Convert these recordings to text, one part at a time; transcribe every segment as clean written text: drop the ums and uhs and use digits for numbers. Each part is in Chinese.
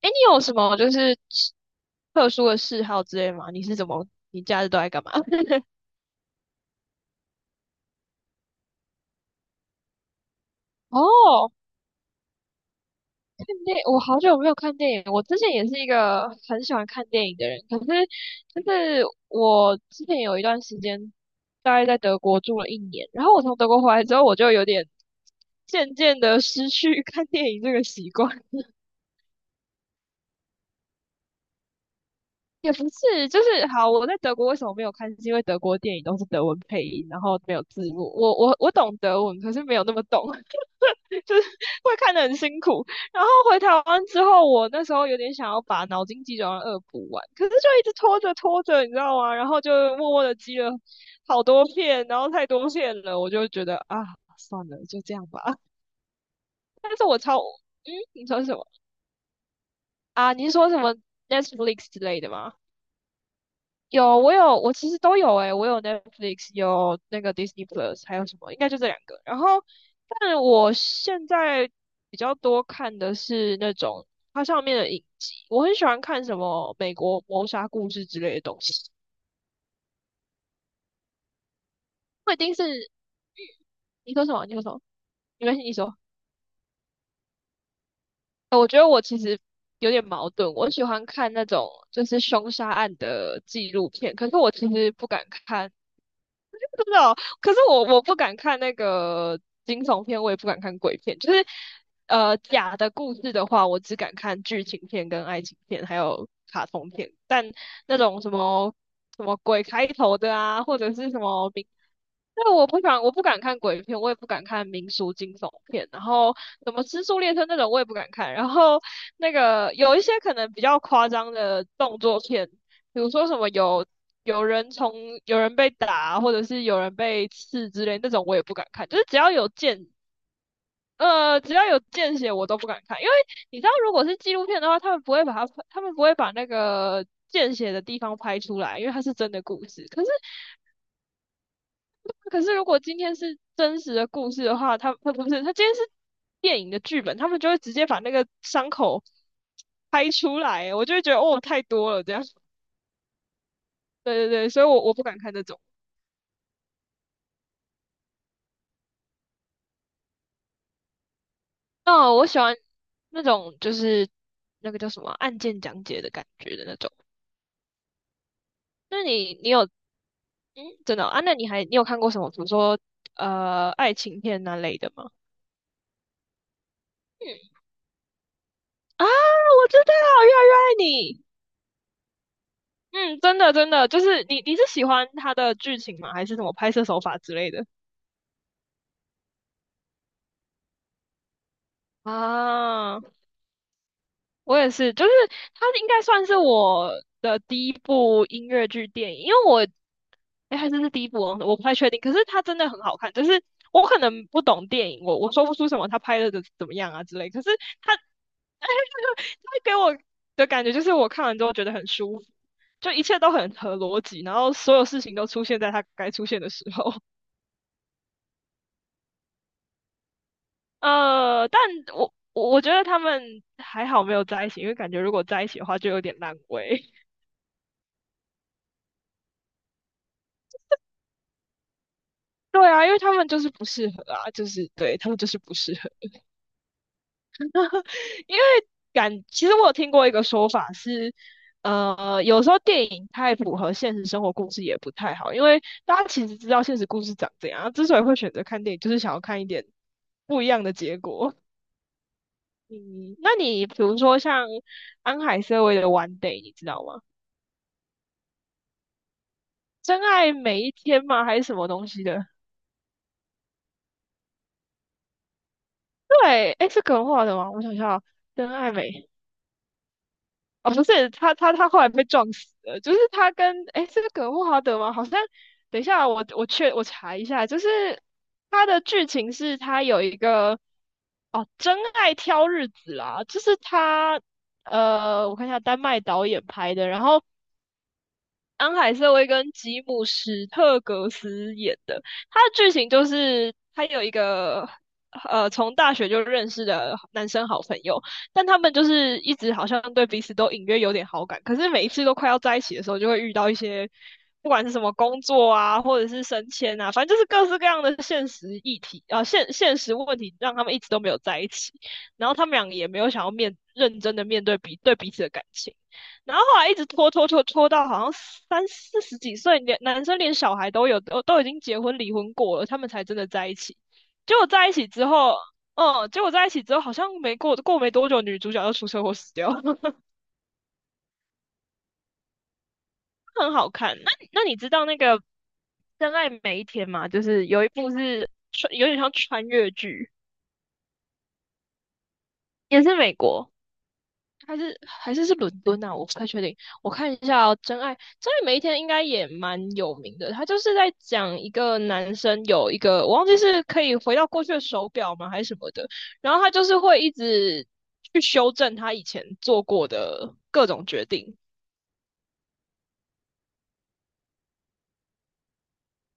哎，你有什么就是特殊的嗜好之类吗？你是怎么，你假日都在干嘛？哦，我好久没有看电影。我之前也是一个很喜欢看电影的人，可是就是我之前有一段时间大概在德国住了一年，然后我从德国回来之后，我就有点渐渐的失去 看电影这个习惯。也不是，就是好，我在德国为什么没有看？是因为德国电影都是德文配音，然后没有字幕。我懂德文，可是没有那么懂。就是 会看得很辛苦。然后回台湾之后，我那时候有点想要把脑筋急转弯二补完，可是就一直拖着拖着，你知道吗？然后就默默的积了好多片，然后太多片了，我就觉得啊，算了，就这样吧。但是我超，嗯，你说什么啊？你说什么 Netflix 之类的吗？有，我有，我其实都有诶、我有 Netflix，有那个 Disney Plus，还有什么？应该就这两个。然后，但我现在比较多看的是那种它上面的影集，我很喜欢看什么美国谋杀故事之类的东西。不一定是，嗯你说什么？你说什么？没关系，你说。我觉得我其实有点矛盾，我喜欢看那种就是凶杀案的纪录片，可是我其实不敢看。真的哦，可是我不敢看那个惊悚片，我也不敢看鬼片，就是假的故事的话，我只敢看剧情片、跟爱情片，还有卡通片。但那种什么什么鬼开头的啊，或者是什么民，那我不敢，我不敢看鬼片，我也不敢看民俗惊悚片，然后什么《失速列车》那种我也不敢看，然后那个有一些可能比较夸张的动作片，比如说什么有人从有人被打，或者是有人被刺之类那种，我也不敢看。就是只要有见血，我都不敢看，因为你知道，如果是纪录片的话，他们不会把它拍，他们不会把那个见血的地方拍出来，因为它是真的故事。可是，可是如果今天是真实的故事的话，他不是，他今天是电影的剧本，他们就会直接把那个伤口拍出来，我就会觉得哦，太多了这样。对对对，所以我不敢看这种。哦，我喜欢那种就是那个叫什么啊案件讲解的感觉的那种。那你有嗯，真的哦啊？那你还你有看过什么，比如说爱情片那类的吗？嗯啊，我知道，越来越爱你。嗯，真的真的，就是你是喜欢他的剧情吗？还是什么拍摄手法之类的？啊，我也是，就是它应该算是我的第一部音乐剧电影，因为我，哎，还真是第一部哦，我不太确定。可是它真的很好看，就是我可能不懂电影，我说不出什么他拍的怎么样啊之类。可是他，哎，他给我的感觉就是我看完之后觉得很舒服，就一切都很合逻辑，然后所有事情都出现在它该出现的时候。呃，但我觉得他们还好没有在一起，因为感觉如果在一起的话就有点烂尾。对啊，因为他们就是不适合啊，就是对他们就是不适合。因为感，其实我有听过一个说法是，呃，有时候电影太符合现实生活故事也不太好，因为大家其实知道现实故事长怎样，之所以会选择看电影，就是想要看一点不一样的结果。嗯，那你比如说像安海瑟薇的《One Day》，你知道吗？真爱每一天吗？还是什么东西的？对，哎，是可能画的吗？我想一下哦，真爱每哦，不是，他后来被撞死了，就是他跟哎，这个葛莫华德吗？好像等一下我查一下，就是他的剧情是他有一个哦，真爱挑日子啦，就是他呃，我看一下丹麦导演拍的，然后安海瑟薇跟吉姆·史特格斯演的。他的剧情就是他有一个从大学就认识的男生好朋友，但他们就是一直好像对彼此都隐约有点好感，可是每一次都快要在一起的时候，就会遇到一些不管是什么工作啊，或者是升迁啊，反正就是各式各样的现实议题啊、现实问题，让他们一直都没有在一起。然后他们俩也没有想要认真的面对彼此的感情。然后后来一直拖到好像三四十几岁，连男生连小孩都有，都已经结婚离婚过了，他们才真的在一起。结果在一起之后，嗯，结果在一起之后好像没过过没多久，女主角就出车祸死掉了，很好看。那你知道那个《真爱每一天》吗？就是有一部是穿有点像穿越剧，也是美国。还是伦敦啊，我不太确定。我看一下哦，《真爱每一天》应该也蛮有名的，他就是在讲一个男生有一个我忘记是可以回到过去的手表吗还是什么的，然后他就是会一直去修正他以前做过的各种决定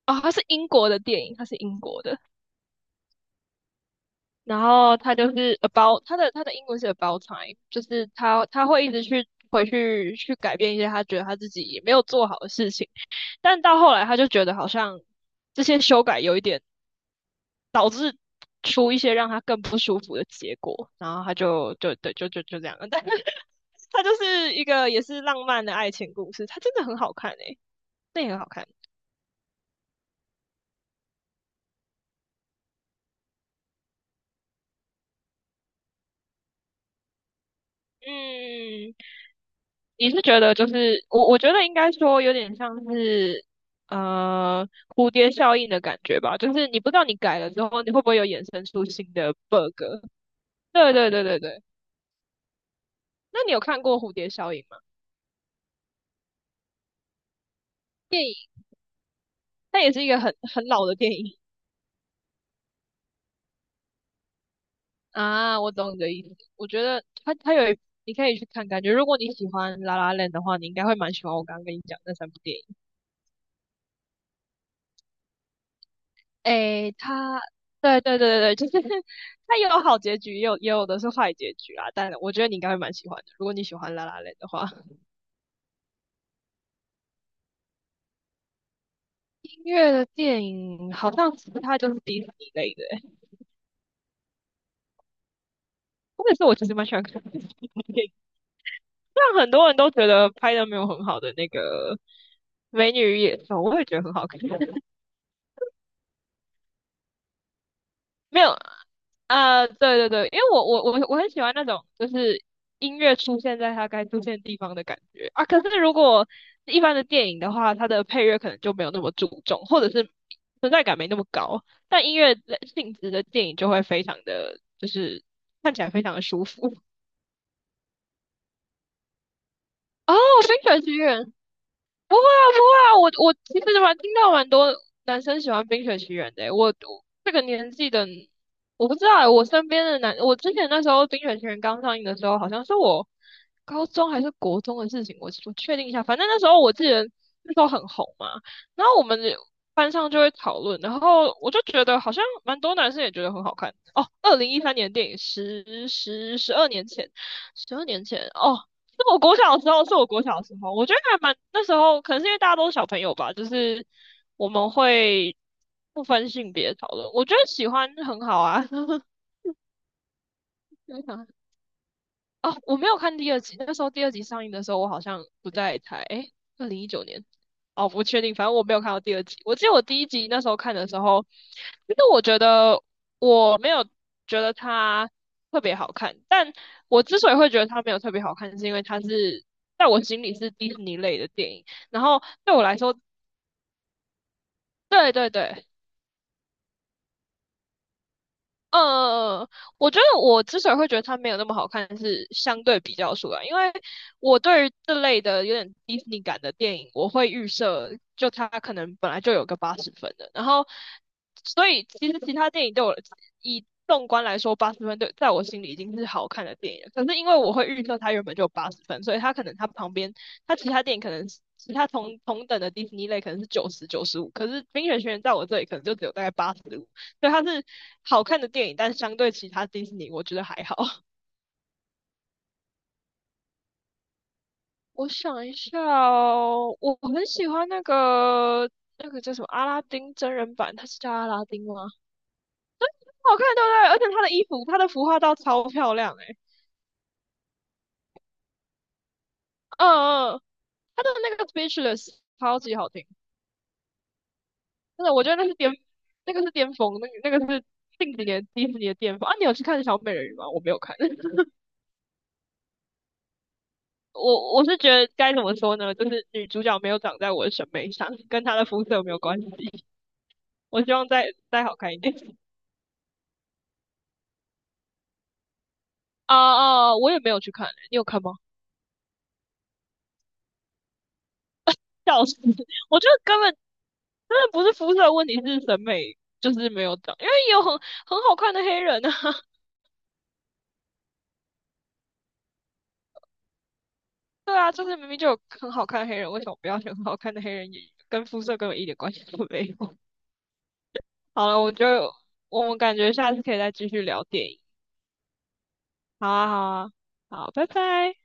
啊。他是英国的电影，他是英国的，然后他就是 about 他的英文是 about time，就是他会一直去回去去改变一些他觉得他自己没有做好的事情。但到后来他就觉得好像这些修改有一点出一些让他更不舒服的结果，然后他就就对就就就这样了。但 他就是一个也是浪漫的爱情故事，它真的很好看诶、那也很好看。嗯，你是觉得就是我觉得应该说有点像是蝴蝶效应的感觉吧，就是你不知道你改了之后你会不会有衍生出新的 bug。对对对对对，那你有看过蝴蝶效应吗？那也是一个很很老的电影。啊，我懂你的意思。我觉得它它有一你可以去看，感觉如果你喜欢《La l 的话，你应该会蛮喜欢我刚刚跟你讲那三部电影。诶，它 对对对对对，就是 它有好结局，也有的是坏结局啊。但我觉得你应该会蛮喜欢的，如果你喜欢《La l 的话。音乐的电影好像其他就是迪士尼类的欸，或者是我其实蛮喜欢看迪士尼的电影，虽然很多人都觉得拍的没有很好的那个《美女与野兽》，我也觉得很好看。没有，啊、对对对，因为我很喜欢那种就是音乐出现在它该出现的地方的感觉啊。可是如果是一般的电影的话，它的配乐可能就没有那么注重，或者是存在感没那么高。但音乐的性质的电影就会非常的，就是看起来非常的舒服。哦，《冰雪奇缘》不会啊，不会啊，我其实蛮听到蛮多男生喜欢《冰雪奇缘》的欸，我这个年纪的，我不知道欸，我身边的男，我之前那时候《冰雪奇缘》刚上映的时候，好像是我高中还是国中的事情，我确定一下，反正那时候我记得那时候很红嘛，然后我们班上就会讨论，然后我就觉得好像蛮多男生也觉得很好看哦。2013年的电影，十二年前，十二年前哦，是我国小的时候，是我国小的时候，我觉得还蛮那时候，可能是因为大家都是小朋友吧，就是我们会不分性别讨论，我觉得喜欢很好啊。啊，哦，我没有看第二集，那时候第二集上映的时候，我好像不在台，诶，2019年，哦，不确定，反正我没有看到第二集。我记得我第一集那时候看的时候，其实我觉得它特别好看。但我之所以会觉得它没有特别好看，是因为它是在我心里是迪士尼类的电影。然后对我来说，对对对，嗯嗯，我觉得我之所以会觉得它没有那么好看，是相对比较出来，因为我对于这类的有点迪士尼感的电影，我会预设就它可能本来就有个八十分的，然后所以其实其他电影对我以纵观来说，八十分对在我心里已经是好看的电影了。可是因为我会预设它原本就有八十分，所以它可能它旁边它其他电影可能是其他等的迪士尼类可能是95，95可是《冰雪奇缘》在我这里可能就只有大概八十，对，它是好看的电影，但是相对其他迪士尼，我觉得还好。我想一下哦，我很喜欢那个叫什么阿拉丁真人版，它是叫阿拉丁吗？好看，对不对？而且它的衣服，它的服化道超漂亮诶、嗯嗯，它的那个 Speechless 超级好听，真的，我觉得那个是巅峰，那个是近几年迪士尼的巅峰啊！你有去看小美人鱼吗？我没有看。我是觉得该怎么说呢？就是女主角没有长在我的审美上，跟她的肤色没有关系。我希望再好看一点。啊啊！我也没有去看、欸你有看吗？笑死！我觉得根本真的不是肤色的问题，是审美就是没有长，因为也有很好看的黑人啊。对啊，就是明明就有很好看的黑人，为什么不要选很好看的黑人演员？跟肤色根本一点关系都没有。好了，我们感觉下次可以再继续聊电影。好啊，好啊，好，拜拜。